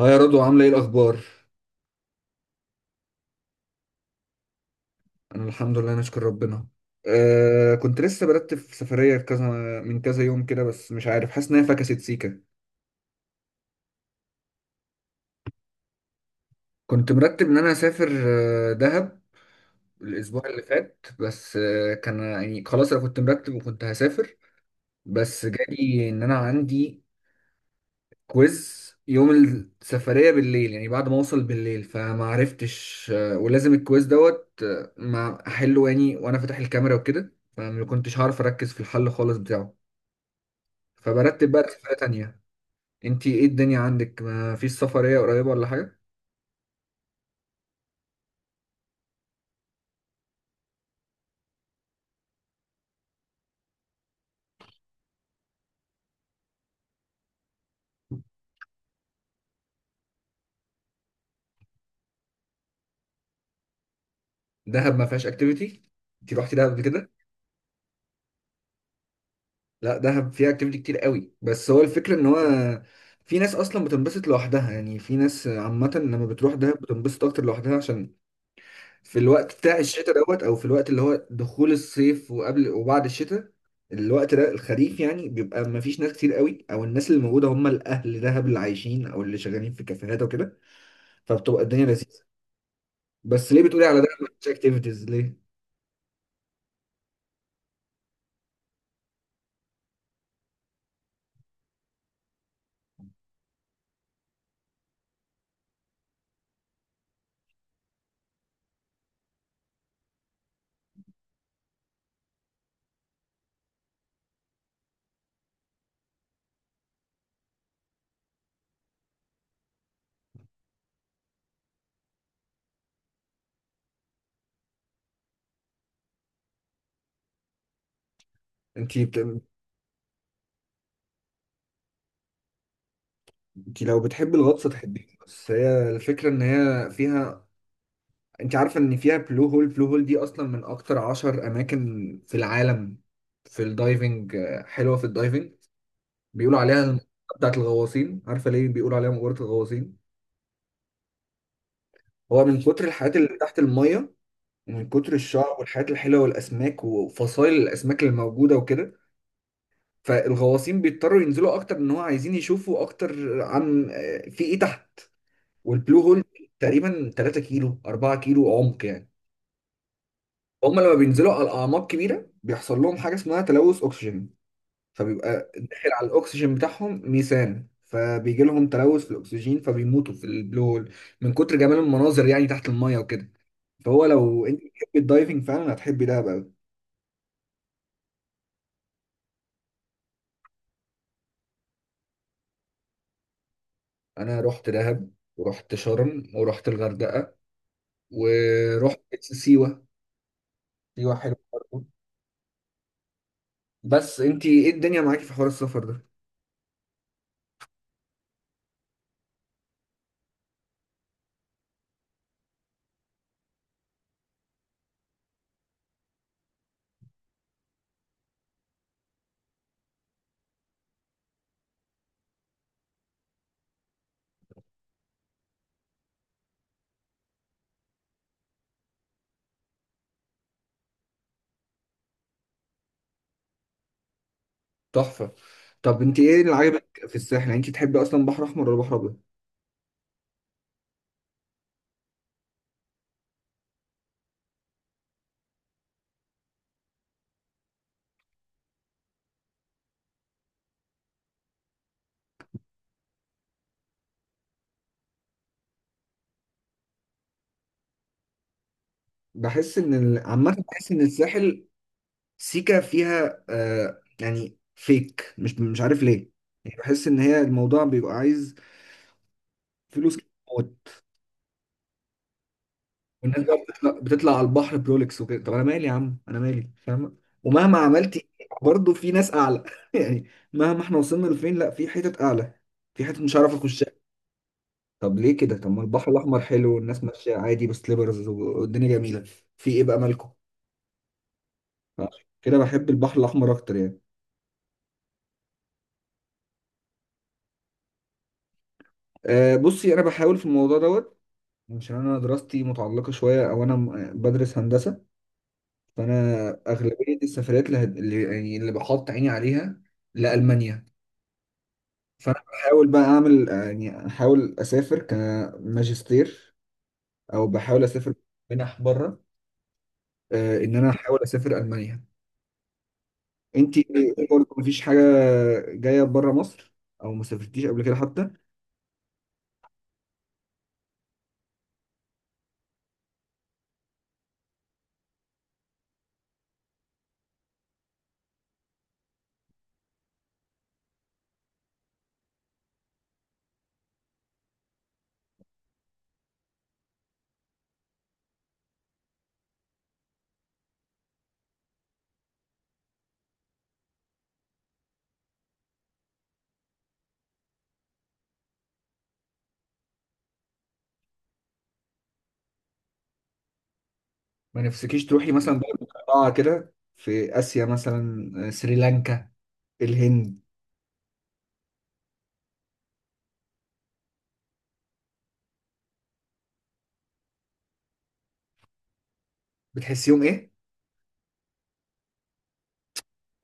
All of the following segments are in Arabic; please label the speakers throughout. Speaker 1: اه يا رضوى، عاملة ايه الأخبار؟ أنا الحمد لله نشكر ربنا. كنت لسه برتب في سفرية كذا من كذا يوم كده، بس مش عارف، حاسس إن هي فكست سيكة. كنت مرتب إن أنا أسافر دهب الأسبوع اللي فات، بس كان يعني خلاص أنا كنت مرتب وكنت هسافر، بس جالي إن أنا عندي كويز يوم السفرية بالليل، يعني بعد ما أوصل بالليل، فما عرفتش ولازم الكويز دوت ما أحله يعني وأنا فاتح الكاميرا وكده، فما كنتش هعرف أركز في الحل خالص بتاعه. فبرتب بقى سفرية تانية. انتي ايه الدنيا عندك، ما فيش سفرية قريبة ولا حاجة؟ دهب ما فيهاش اكتيفيتي؟ انتي روحتي دهب قبل كده؟ لا، دهب فيها اكتيفيتي كتير قوي، بس هو الفكرة ان هو في ناس اصلا بتنبسط لوحدها، يعني في ناس عامة لما بتروح دهب بتنبسط اكتر لوحدها عشان في الوقت بتاع الشتاء دوت او في الوقت اللي هو دخول الصيف وقبل وبعد الشتاء، الوقت ده الخريف، يعني بيبقى ما فيش ناس كتير قوي، او الناس اللي موجودة هم الاهل، دهب اللي عايشين او اللي شغالين في كافيهات وكده، فبتبقى الدنيا لذيذة. بس ليه بتقولي على ده مفيش اكتيفيتيز ليه؟ انت بت... انت لو بتحبي الغطس تحبيه، بس هي الفكره ان هي فيها، انت عارفه ان فيها بلو هول؟ بلو هول دي اصلا من اكتر عشر اماكن في العالم في الدايفنج، حلوه في الدايفنج، بيقولوا عليها المقبره بتاعت الغواصين. عارفه ليه بيقولوا عليها مقبره الغواصين؟ هو من كتر الحاجات اللي تحت الميه، ومن كتر الشعب والحاجات الحلوه والاسماك وفصائل الاسماك اللي موجوده وكده، فالغواصين بيضطروا ينزلوا اكتر، ان هو عايزين يشوفوا اكتر عن في ايه تحت. والبلو هول تقريبا 3 كيلو 4 كيلو عمق يعني. هم لما بينزلوا على اعماق كبيره بيحصل لهم حاجه اسمها تلوث اكسجين، فبيبقى داخل على الاكسجين بتاعهم ميثان، فبيجي لهم تلوث في الاكسجين، فبيموتوا في البلو هول من كتر جمال المناظر، يعني تحت الميه وكده. فهو لو انت بتحبي الدايفنج فعلا هتحبي دهب قوي. انا رحت دهب ورحت شرم ورحت الغردقه ورحت سيوه. سيوه حلوه برضه. بس انت ايه الدنيا معاكي في حوار السفر ده؟ تحفة. طب انت ايه اللي عاجبك في الساحل، يعني انت تحبي اصلا بحر احمر ولا بحر ابيض؟ بحس ان عامة بحس ان الساحل سيكا فيها يعني فيك، مش عارف ليه، يعني بحس ان هي الموضوع بيبقى عايز فلوس كتير موت. والناس بقى بتطلع على البحر برولكس وكده. طب انا مالي يا عم، انا مالي فاهم. ومهما عملتي برضه في ناس اعلى يعني مهما احنا وصلنا لفين، لا، في حتت اعلى، في حتت مش عارف اخش. طب ليه كده؟ طب ما البحر الاحمر حلو والناس ماشيه عادي بسليبرز والدنيا جميله، في ايه بقى مالكم؟ فعشان كده بحب البحر الاحمر اكتر يعني. أه بصي، انا بحاول في الموضوع دوت، عشان انا دراستي متعلقه شويه، او انا بدرس هندسه، فانا اغلبيه السفريات اللي, هد- اللي يعني اللي بحط عيني عليها لالمانيا، فانا بحاول بقى اعمل يعني احاول اسافر كماجستير او بحاول اسافر منح بره. أه ان انا احاول اسافر المانيا. انت برضه مفيش حاجه جايه بره مصر، او ما سافرتيش قبل كده حتى؟ ما نفسكيش تروحي مثلا بلد مقطعه كده في اسيا مثلا، سريلانكا، الهند؟ بتحسيهم ايه؟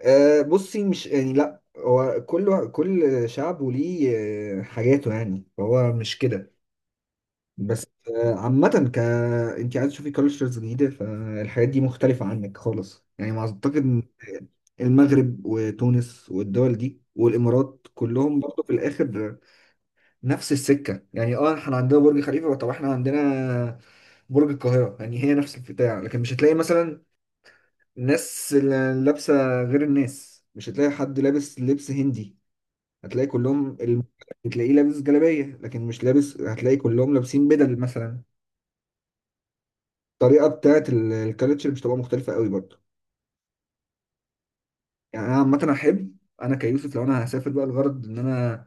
Speaker 1: أه بصي مش يعني لا، هو كل شعب وليه حاجاته، يعني هو مش كده بس، عامة، ك انت عايز تشوفي كالتشرز جديدة، فالحاجات دي مختلفة عنك خالص يعني، ما اعتقد إن المغرب وتونس والدول دي والامارات كلهم برضه في الاخر نفس السكه يعني. اه احنا عندنا برج خليفه، طب احنا عندنا برج القاهره، يعني هي نفس البتاع، لكن مش هتلاقي مثلا الناس اللي لابسه غير الناس، مش هتلاقي حد لابس لبس هندي، هتلاقي كلهم هتلاقيه لابس جلابيه، لكن مش لابس، هتلاقي كلهم لابسين بدل مثلا. الطريقه بتاعت الكالتشر مش هتبقى مختلفه قوي برضه. يعني انا عامه احب، انا كيوسف لو انا هسافر بقى الغرض ان انا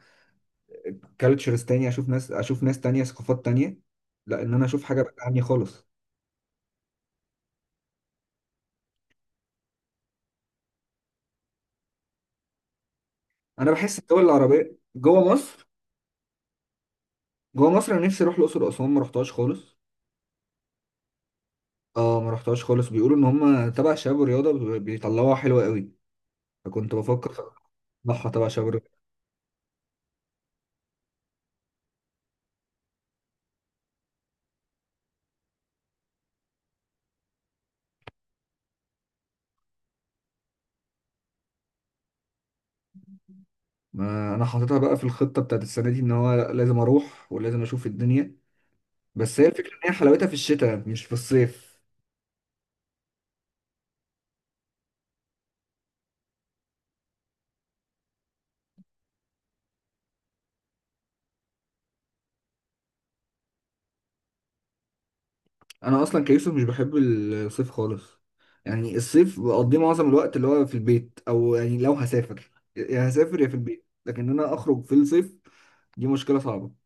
Speaker 1: كالتشرز تانية، اشوف ناس تانية، ثقافات تانية، لا ان انا اشوف حاجه بعيدة عني خالص. انا بحس الدول العربيه جوه مصر جوه مصر انا نفسي اروح الاقصر واسوان، ما رحتهاش خالص. اه ما رحتهاش خالص، بيقولوا ان هم تبع شباب الرياضه بيطلعوها حلوه قوي، فكنت بفكر اطلعها تبع شباب الرياضه. ما انا حاططها بقى في الخطه بتاعت السنه دي ان هو لأ، لازم اروح ولازم اشوف الدنيا. بس هي الفكره ان هي حلاوتها في الشتاء مش في الصيف. انا اصلا كيوسف مش بحب الصيف خالص، يعني الصيف بقضيه معظم الوقت اللي هو في البيت، او يعني لو هسافر يا هسافر يا في البيت، لكن إن انا اخرج في الصيف دي مشكله صعبه.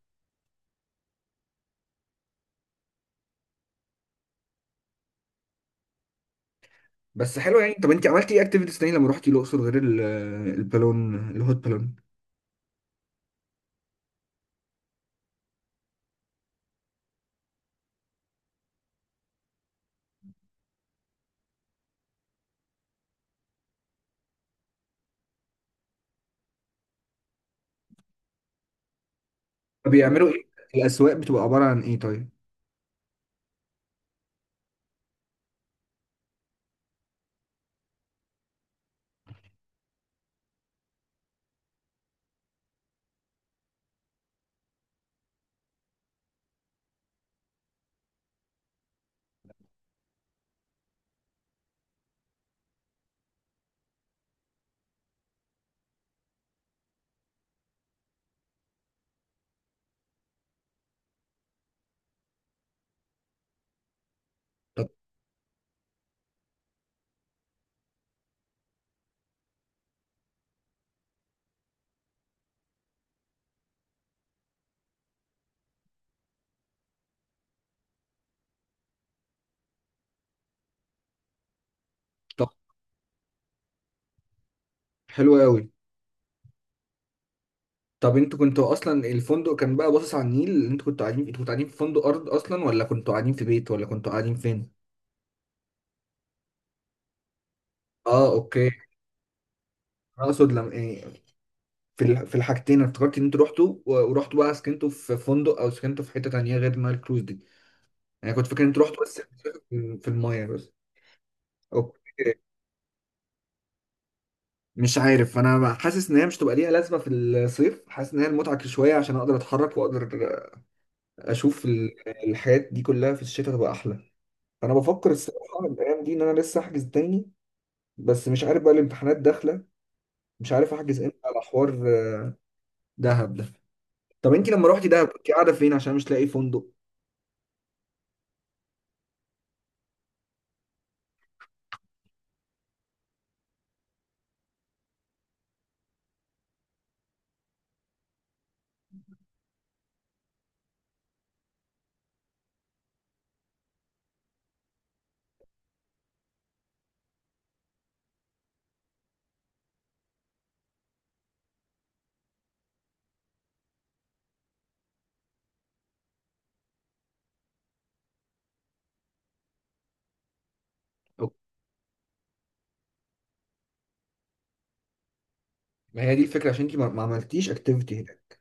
Speaker 1: بس حلو يعني. طب انت عملتي ايه اكتيفيتيز تاني لما رحتي الاقصر غير البالون الهوت بالون؟ طب بيعملوا ايه؟ الاسواق بتبقى عباره عن ايه طيب؟ طب طب حلو قوي. طب انتوا كنتوا اصلا الفندق كان بقى باصص على النيل، انتوا كنتوا قاعدين في فندق ارض اصلا، ولا كنتوا قاعدين في بيت، ولا كنتوا قاعدين فين؟ اه اوكي. انا اقصد لما ايه، في الحاجتين انا افتكرت ان انتوا رحتوا ورحتوا بقى سكنتوا في فندق او سكنتوا في حته تانيه غير نايل كروز دي. انا كنت فاكر ان انتوا رحتوا بس في المايه بس. اوكي. مش عارف، انا حاسس ان هي مش تبقى ليها لازمه في الصيف، حاسس ان هي المتعه شويه، عشان اقدر اتحرك واقدر اشوف الحاجات دي كلها في الشتاء تبقى احلى. فانا بفكر الصراحه الايام دي ان انا لسه احجز تاني. بس مش عارف بقى الامتحانات داخله، مش عارف احجز امتى على حوار دهب ده. طب انت لما روحتي دهب كنت قاعده فين عشان مش لاقي فندق؟ أو- ما هي دي الفكره، عشان انت ما عملتيش اكتيفيتي هناك.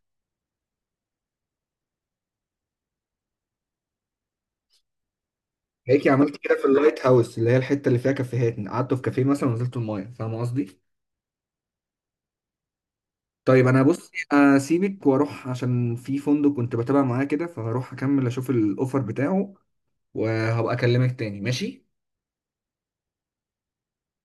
Speaker 1: هيك عملتي كده في اللايت هاوس اللي هي الحته اللي فيها كافيهات، قعدتوا في كافيه مثلا ونزلتوا المايه، فاهم قصدي؟ طيب انا بص اسيبك واروح، عشان في فندق كنت بتابع معاه كده، فهروح اكمل اشوف الاوفر بتاعه وهبقى اكلمك تاني ماشي.